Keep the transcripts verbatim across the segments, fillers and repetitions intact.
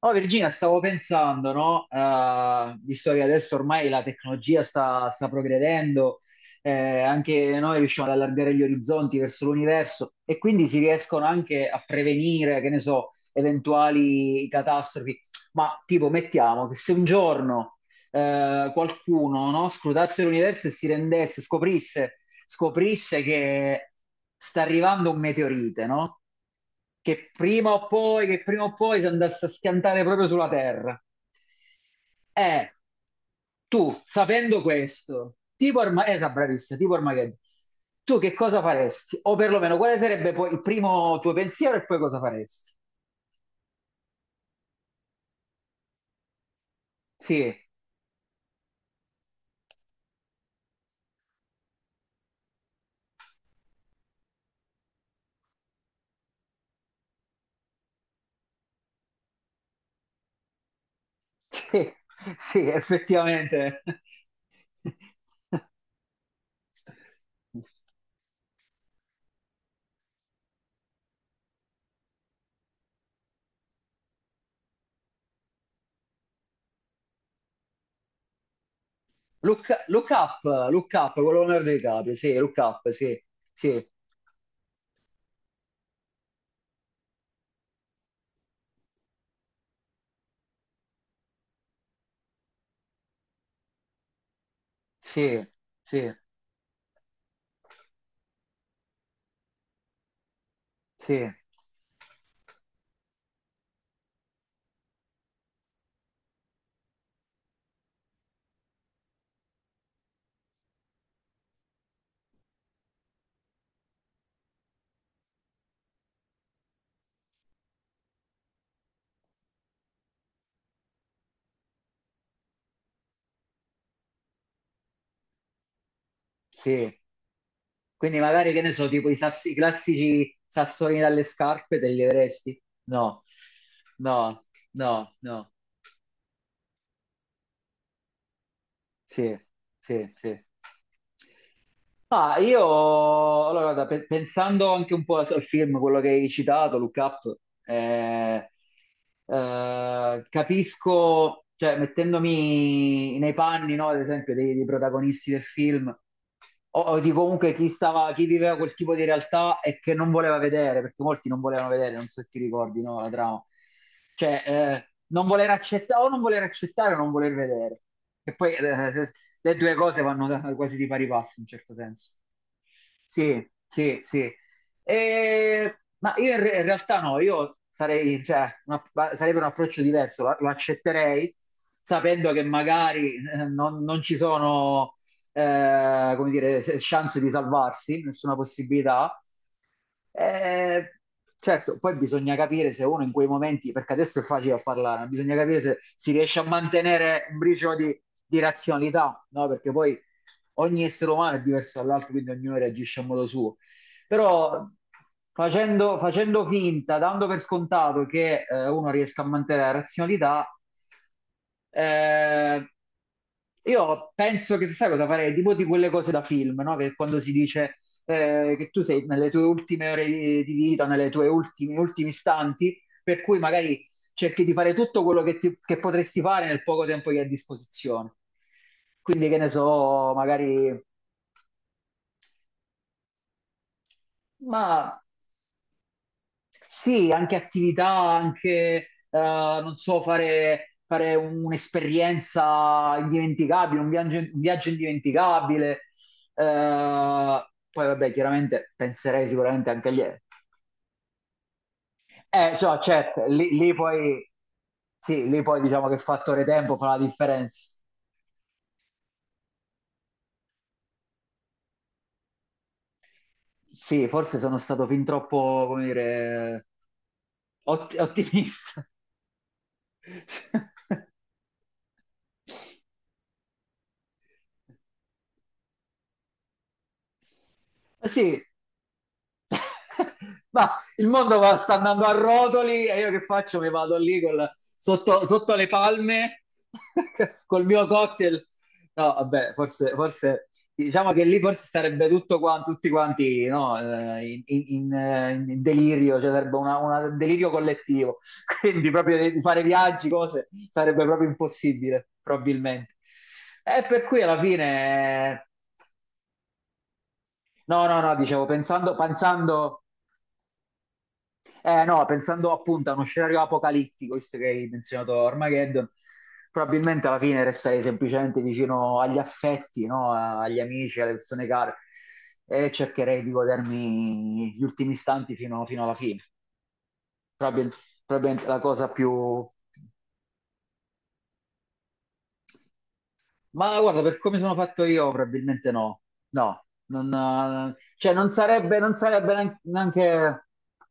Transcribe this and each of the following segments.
Oh Virginia, stavo pensando, no? Eh, visto che adesso ormai la tecnologia sta, sta progredendo, eh, anche noi riusciamo ad allargare gli orizzonti verso l'universo e quindi si riescono anche a prevenire, che ne so, eventuali catastrofi. Ma tipo, mettiamo che se un giorno eh, qualcuno, no, scrutasse l'universo e si rendesse, scoprisse, scoprisse che sta arrivando un meteorite, no? che prima o poi, che prima o poi si andasse a schiantare proprio sulla terra. Eh, Tu, sapendo questo, tipo ormai, esatto, bravissimo, tipo Armageddon, tu che cosa faresti? O perlomeno, quale sarebbe poi il primo tuo pensiero e poi cosa faresti? Sì, sì, sì, effettivamente. Look, look up, look up, con Leonardo DiCaprio, sì, look up, sì, sì, sì, sì, sì, sì. Quindi magari, che ne so, tipo i, sassi- i classici sassolini dalle scarpe te li avresti? No, no, no, no. Sì, sì, sì. Ah, io, allora, guarda, pe- pensando anche un po' al film, quello che hai citato, Look Up, eh, eh, capisco, cioè, mettendomi nei panni, no, ad esempio, dei, dei protagonisti del film, o, o di comunque chi stava, chi viveva quel tipo di realtà e che non voleva vedere, perché molti non volevano vedere, non so se ti ricordi, no, la trama. Cioè, eh, non voler accettare o non voler accettare o non voler vedere. E poi eh, le due cose vanno quasi di pari passo in un certo senso. Sì, sì, sì. E- ma io in, re- in realtà no, io sarei, cioè, una- ma sarebbe un approccio diverso, lo, lo accetterei sapendo che magari eh, non, non ci sono, eh, come dire, eh, chance di salvarsi, nessuna possibilità, eh, certo, poi bisogna capire se uno in quei momenti, perché adesso è facile a parlare, ma bisogna capire se si riesce a mantenere un briciolo di, di razionalità, no? Perché poi ogni essere umano è diverso dall'altro, quindi ognuno reagisce a modo suo. Però facendo, facendo finta, dando per scontato che eh, uno riesca a mantenere la razionalità, eh, io penso che sai cosa farei? Tipo di quelle cose da film, no? Che quando si dice eh, che tu sei nelle tue ultime ore di, di vita, nelle tue ultimi, ultimi istanti, per cui magari cerchi di fare tutto quello che, ti- che potresti fare nel poco tempo che hai a disposizione. Quindi, che ne so, magari, ma sì, anche attività, anche, eh, non so, fare, fare un'esperienza indimenticabile, un viaggio, un viaggio indimenticabile. Eh, poi, vabbè, chiaramente penserei sicuramente anche agli... Eh, cioè, certo, lì, lì poi, sì, lì poi diciamo che il fattore tempo fa la differenza. Sì, forse sono stato fin troppo, come dire, ot- ottimista. Eh sì, ma il mondo va- sta andando a rotoli e io che faccio? Mi vado lì col- sotto, sotto le palme col mio cocktail. No, vabbè, forse, forse diciamo che lì forse sarebbe tutto qua, tutti quanti no, eh, in, in- in, eh, in delirio, cioè sarebbe una- una- un delirio collettivo. Quindi proprio di fare viaggi, cose, sarebbe proprio impossibile, probabilmente. E per cui alla fine. No, no, no, dicevo, pensando, pensando, eh, no, pensando appunto a uno scenario apocalittico, visto che hai menzionato Armageddon, probabilmente alla fine resterei semplicemente vicino agli affetti, no? A- Agli amici, alle persone care e cercherei di godermi gli ultimi istanti fino, fino alla fine. Probabil- probabilmente la cosa più, ma guarda, per come sono fatto io, probabilmente no. No, non, eh, cioè non sarebbe, non sarebbe nean- neanche...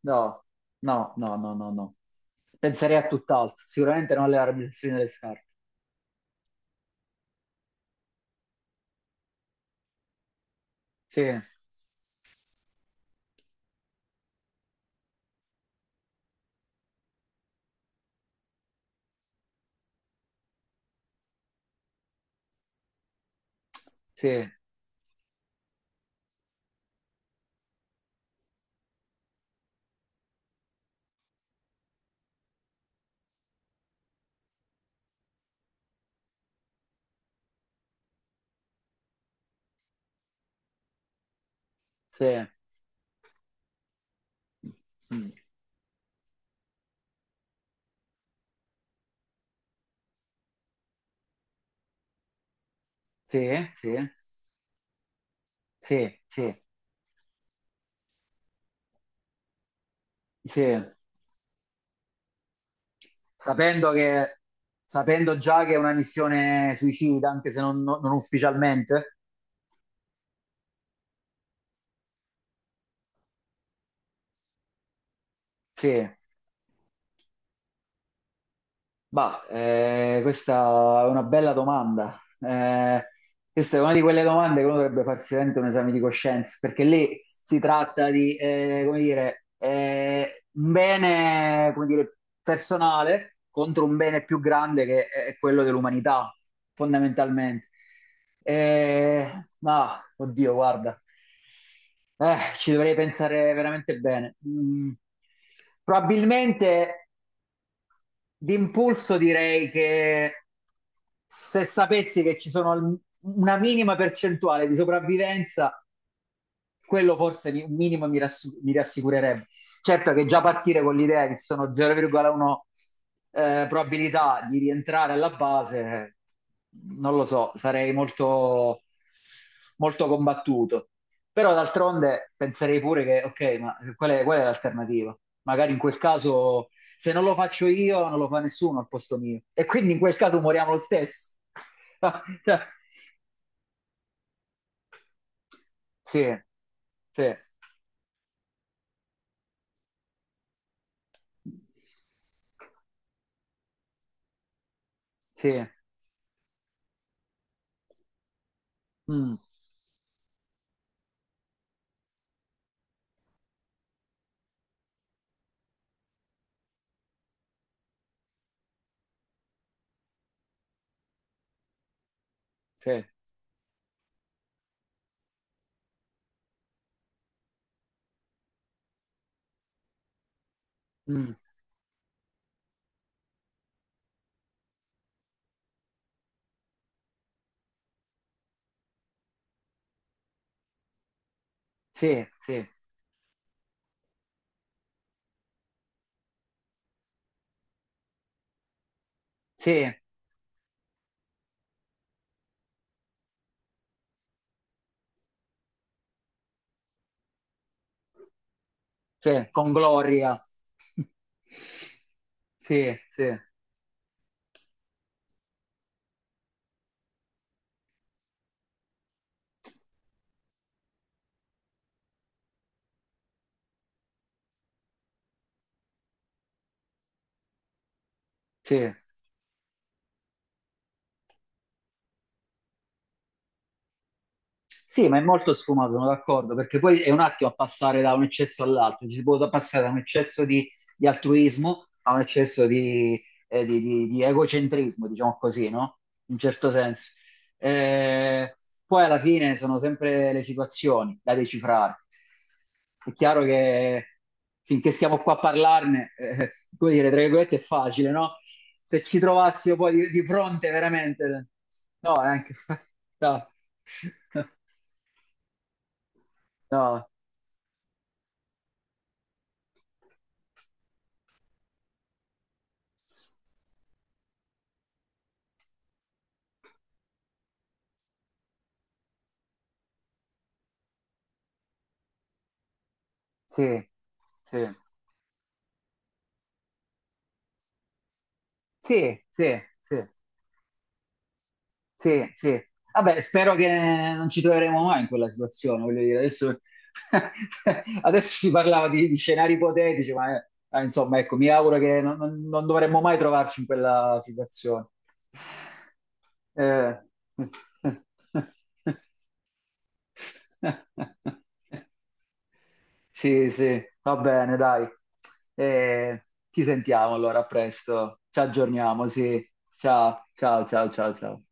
No, no, no, no, no, no. Penserei a tutt'altro. Sicuramente non alle armi delle scarpe. Sì, sì, sì. Mm. Sì, sì, sì, sì, sì. Sapendo che, sapendo già che è una missione suicida, anche se non, non- non ufficialmente. Sì, bah, eh, questa è una bella domanda. Eh, questa è una di quelle domande che uno dovrebbe farsi veramente un esame di coscienza, perché lì si tratta di, eh, come dire, eh, un bene, come dire, personale contro un bene più grande che è quello dell'umanità, fondamentalmente. Eh, ma, oddio, guarda, eh, ci dovrei pensare veramente bene. Mm. Probabilmente. D'impulso direi che se sapessi che ci sono al- una minima percentuale di sopravvivenza, quello forse mi- un minimo mi, rassu- mi rassicurerebbe. Certo che già partire con l'idea che sono zero virgola uno eh, probabilità di rientrare alla base, non lo so, sarei molto, molto combattuto. Però d'altronde penserei pure che, ok, ma qual è, qual è l'alternativa? Magari in quel caso, se non lo faccio io, non lo fa nessuno al posto mio. E quindi in quel caso moriamo lo stesso. Sì, sì. Sì, mm, sì, mm, sì, sì, sì, sì, con Gloria. Sì, sì, sì. Sì, ma è molto sfumato, sono d'accordo, perché poi è un attimo a passare da un eccesso all'altro, ci si può passare da un eccesso di, di altruismo a un eccesso di, eh, di- di- di egocentrismo, diciamo così, no? In un certo senso. Eh, poi alla fine sono sempre le situazioni da decifrare. È chiaro che finché stiamo qua a parlarne, eh, come dire, tra virgolette è facile, no? Se ci trovassimo poi di, di fronte veramente... No, è anche... no. No, sì, sì, sì, sì, sì, sì, sì. Vabbè, spero che non ci troveremo mai in quella situazione, voglio dire, adesso, adesso si parlava di, di scenari ipotetici, ma eh, eh, insomma, ecco, mi auguro che non, non- non dovremmo mai trovarci in quella situazione. Eh. Sì, sì, va bene, dai. Eh, ti sentiamo allora, a presto. Ci aggiorniamo, sì. Ciao, ciao, ciao, ciao, ciao.